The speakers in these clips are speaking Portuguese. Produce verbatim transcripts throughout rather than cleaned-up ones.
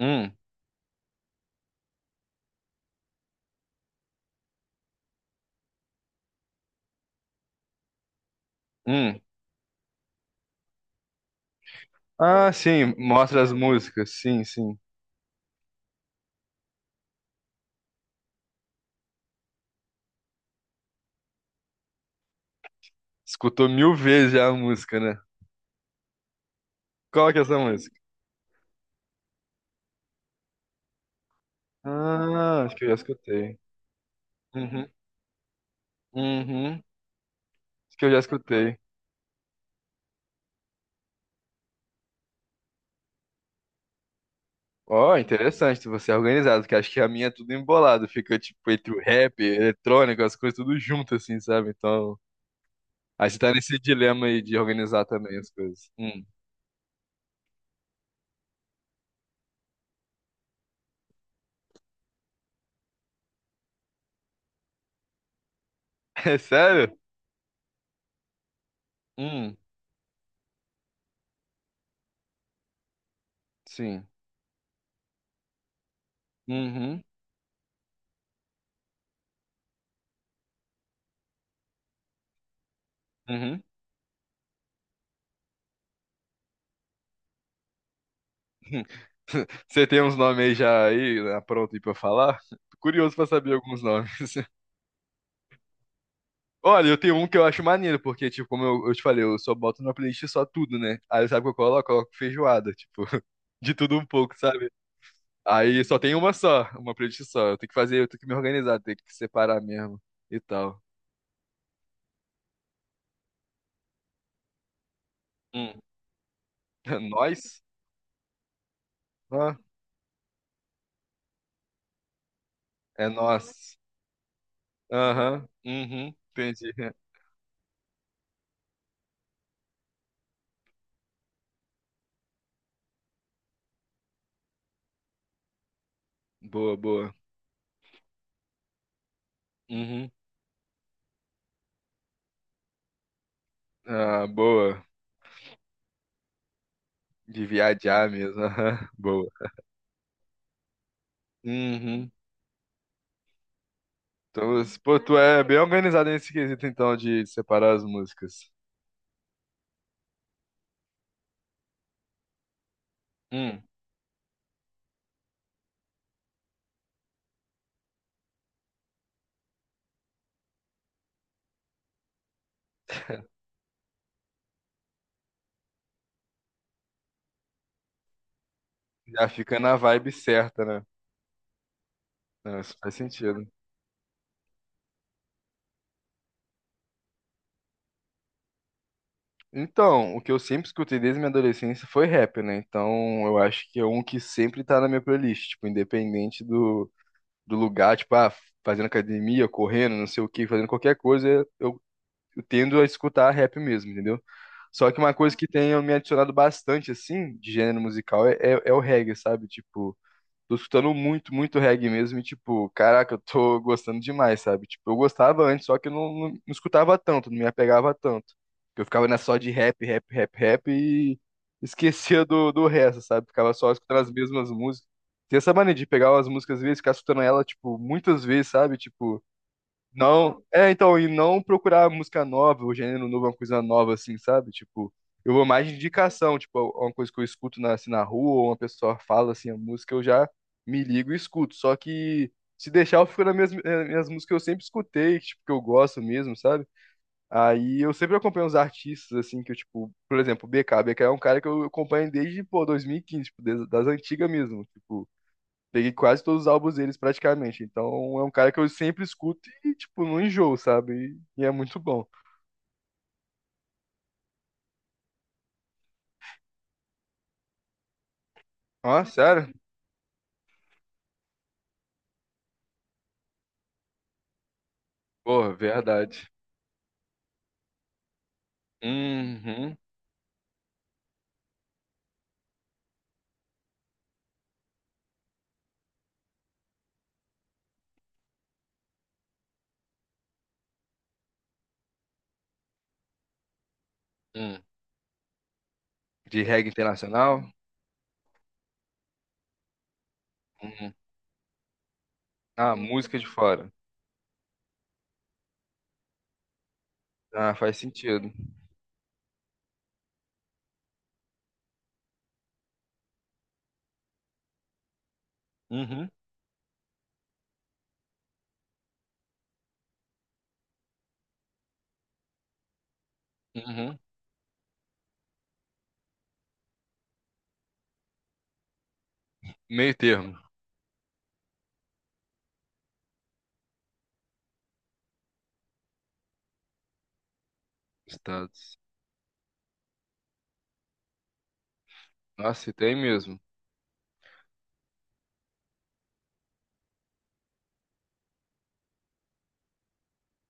Hum, hum. Ah, sim, mostra as músicas. Sim, sim. Escutou mil vezes já a música, né? Qual que é essa música? Ah, acho que eu já escutei. Uhum, uhum. Acho que eu já escutei. Ó, interessante, você é organizado, porque acho que a minha é tudo embolado. Fica, tipo, entre o rap, eletrônico, as coisas tudo junto, assim, sabe? Então, aí você tá nesse dilema aí de organizar também as coisas. Hum. É sério? Hum, sim. Uhum, uhum. Você tem uns nomes aí já aí, né, pronto aí pra falar? Tô curioso pra saber alguns nomes. Olha, eu tenho um que eu acho maneiro, porque, tipo, como eu, eu te falei, eu só boto na playlist só tudo, né? Aí sabe o que eu coloco? Eu coloco feijoada, tipo, de tudo um pouco, sabe? Aí só tem uma só, uma playlist só. Eu tenho que fazer, eu tenho que me organizar, tenho que separar mesmo e tal. Hum. Nós? Ah, é nós. Aham, uhum, entendi. Boa, boa. Uhum. Ah, boa. De viajar mesmo. Aham, boa. Uhum. Então, s- pô, tu é bem organizado nesse quesito, então, de separar as músicas. Hum. Já fica na vibe certa, né? Não, isso faz sentido. Então, o que eu sempre escutei desde minha adolescência foi rap, né? Então, eu acho que é um que sempre tá na minha playlist, tipo, independente do, do lugar, tipo, ah, fazendo academia, correndo, não sei o que, fazendo qualquer coisa, eu, eu tendo a escutar rap mesmo, entendeu? Só que uma coisa que tem me adicionado bastante, assim, de gênero musical é, é, é o reggae, sabe? Tipo. Tô escutando muito, muito reggae mesmo. E, tipo, caraca, eu tô gostando demais, sabe? Tipo, eu gostava antes, só que eu não, não, não escutava tanto, não me apegava tanto. Eu ficava nessa só de rap, rap, rap, rap e esquecia do, do resto, sabe? Ficava só escutando as mesmas músicas. Tem essa mania de pegar umas músicas às vezes, ficar escutando ela, tipo, muitas vezes, sabe? Tipo. Não, é, então, e não procurar música nova, o gênero novo, uma coisa nova, assim, sabe? Tipo, eu vou mais de indicação, tipo, uma coisa que eu escuto na, assim, na rua, ou uma pessoa fala, assim, a música, eu já me ligo e escuto. Só que, se deixar, eu fico nas minhas, eh, minhas músicas que eu sempre escutei, tipo, que eu gosto mesmo, sabe? Aí eu sempre acompanho os artistas, assim, que eu, tipo, por exemplo, o B K. B K é um cara que eu acompanho desde, pô, dois mil e quinze, tipo, des- das antigas mesmo, tipo. Peguei quase todos os álbuns deles praticamente. Então é um cara que eu sempre escuto e, tipo, não enjoo, sabe? E, e é muito bom. Ah, sério? Porra, verdade. Uhum. Hum. De reggae internacional? Uhum. Ah, música de fora. Ah, faz sentido. Uhum. Uhum. Meio termo. Estados. Nossa, e tem mesmo.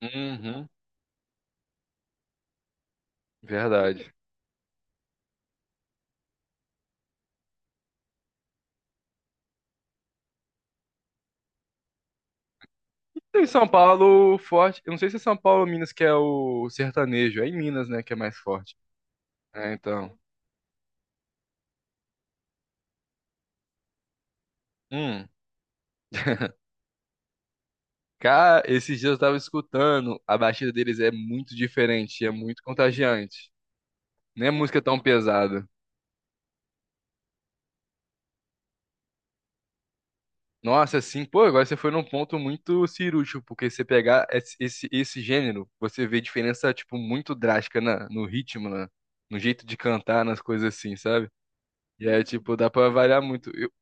Uhum. Verdade. Em São Paulo, forte. Eu não sei se é São Paulo ou Minas que é o sertanejo. É em Minas, né, que é mais forte. É, então. Hum. Cara, esses dias eu tava escutando, a batida deles é muito diferente, é muito contagiante. Nem a música é tão pesada. Nossa, assim, pô, agora você foi num ponto muito cirúrgico, porque você pegar esse, esse, esse gênero, você vê diferença, tipo, muito drástica na, no ritmo, na, no jeito de cantar, nas coisas assim, sabe? E é, tipo, dá pra variar muito. Eu,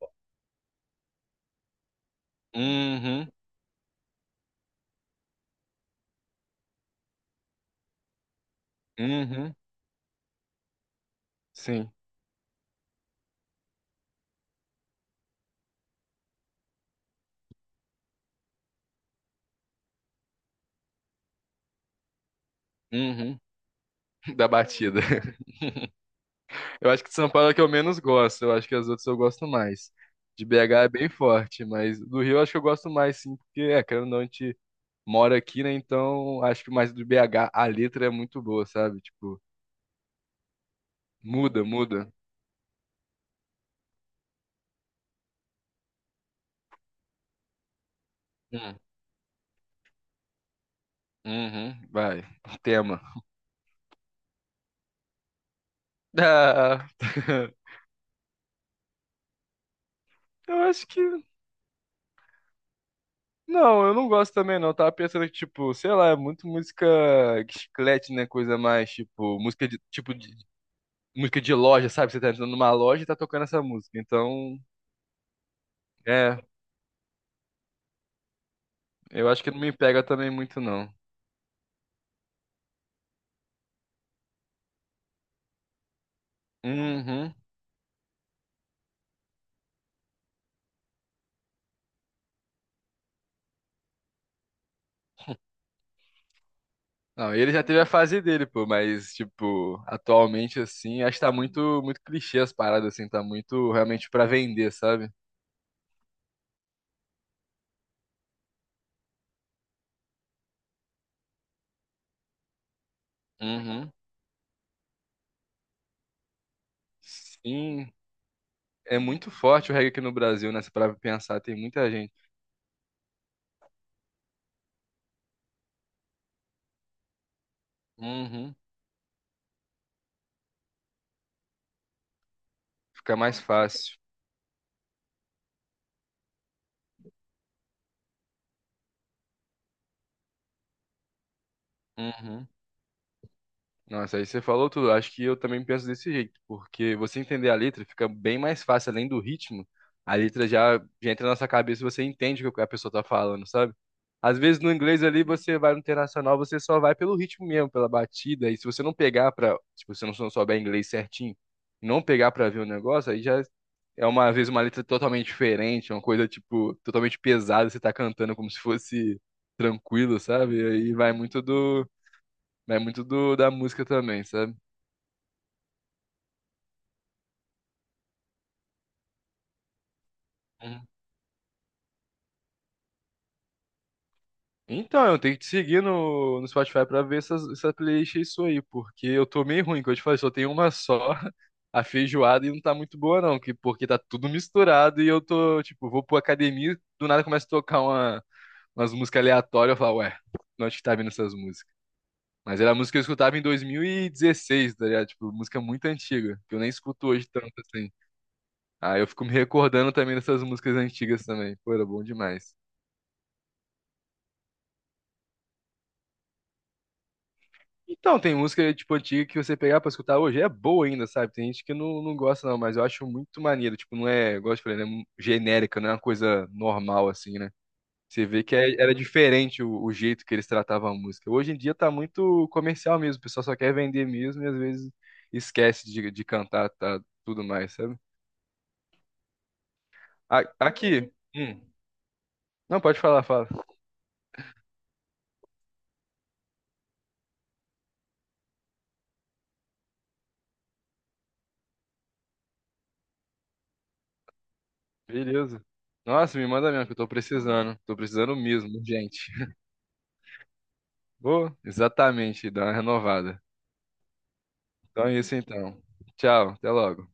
uhum, uhum, sim, uhum, da batida. Eu acho que de São Paulo é que eu menos gosto. Eu acho que as outras eu gosto mais. De B H é bem forte, mas do Rio eu acho que eu gosto mais, sim, porque, é, querendo ou não, a gente mora aqui, né? Então acho que mais do B H a letra é muito boa, sabe? Tipo, muda, muda. Hum. Uhum, vai. Tema. Ah, eu acho que. Não, eu não gosto também, não. Eu tava pensando que, tipo, sei lá, é muito música chiclete, né? Coisa mais, tipo, música de, tipo, de, música de loja, sabe? Você tá entrando numa loja e tá tocando essa música. Então, é, Eu acho que não me pega também muito, não. Uhum. Não, ele já teve a fase dele, pô, mas, tipo, atualmente, assim, acho que tá muito, muito clichê as paradas, assim, tá muito realmente pra vender, sabe? Uhum. Sim, é muito forte o reggae aqui no Brasil, né? Se parar pra pensar, tem muita gente. Uhum. Fica mais fácil. Uhum. Nossa, aí você falou tudo. Acho que eu também penso desse jeito, porque você entender a letra fica bem mais fácil, além do ritmo. A letra já, já entra na nossa cabeça, e você entende o que a pessoa tá falando, sabe? Às vezes no inglês ali você vai no internacional, você só vai pelo ritmo mesmo, pela batida. E se você não pegar pra, se você não souber inglês certinho, não pegar pra ver o negócio, aí já é uma vez uma letra totalmente diferente, uma coisa tipo totalmente pesada, você tá cantando como se fosse tranquilo, sabe? Aí vai muito do é muito do, da música também, sabe? Uhum. Então, eu tenho que te seguir no, no Spotify pra ver essas, essa playlist e isso aí, porque eu tô meio ruim, que eu te falei, só tem uma só, a feijoada, e não tá muito boa não, que, porque tá tudo misturado e eu tô, tipo, vou pra academia, do nada começa a tocar uma, umas músicas aleatórias, eu falo, ué, de onde que tá vindo essas músicas? Mas era a música que eu escutava em dois mil e dezesseis, tá ligado? Tipo, música muito antiga, que eu nem escuto hoje tanto assim. Aí eu fico me recordando também dessas músicas antigas também. Pô, era bom demais. Então, tem música, tipo, antiga que você pegar pra escutar hoje, é boa ainda, sabe? Tem gente que não, não gosta, não, mas eu acho muito maneiro. Tipo, não é, igual eu te falei, né? Genérica, não é uma coisa normal, assim, né? Você vê que é- era diferente o, o jeito que eles tratavam a música. Hoje em dia tá muito comercial mesmo, o pessoal só quer vender mesmo e às vezes esquece de, de cantar, tá, tudo mais, sabe? A- Aqui. Hum. Não, pode falar, fala. Beleza. Nossa, me manda mesmo, que eu tô precisando. Tô precisando mesmo, gente. Vou, exatamente, dar uma renovada. Então é isso então. Tchau, até logo.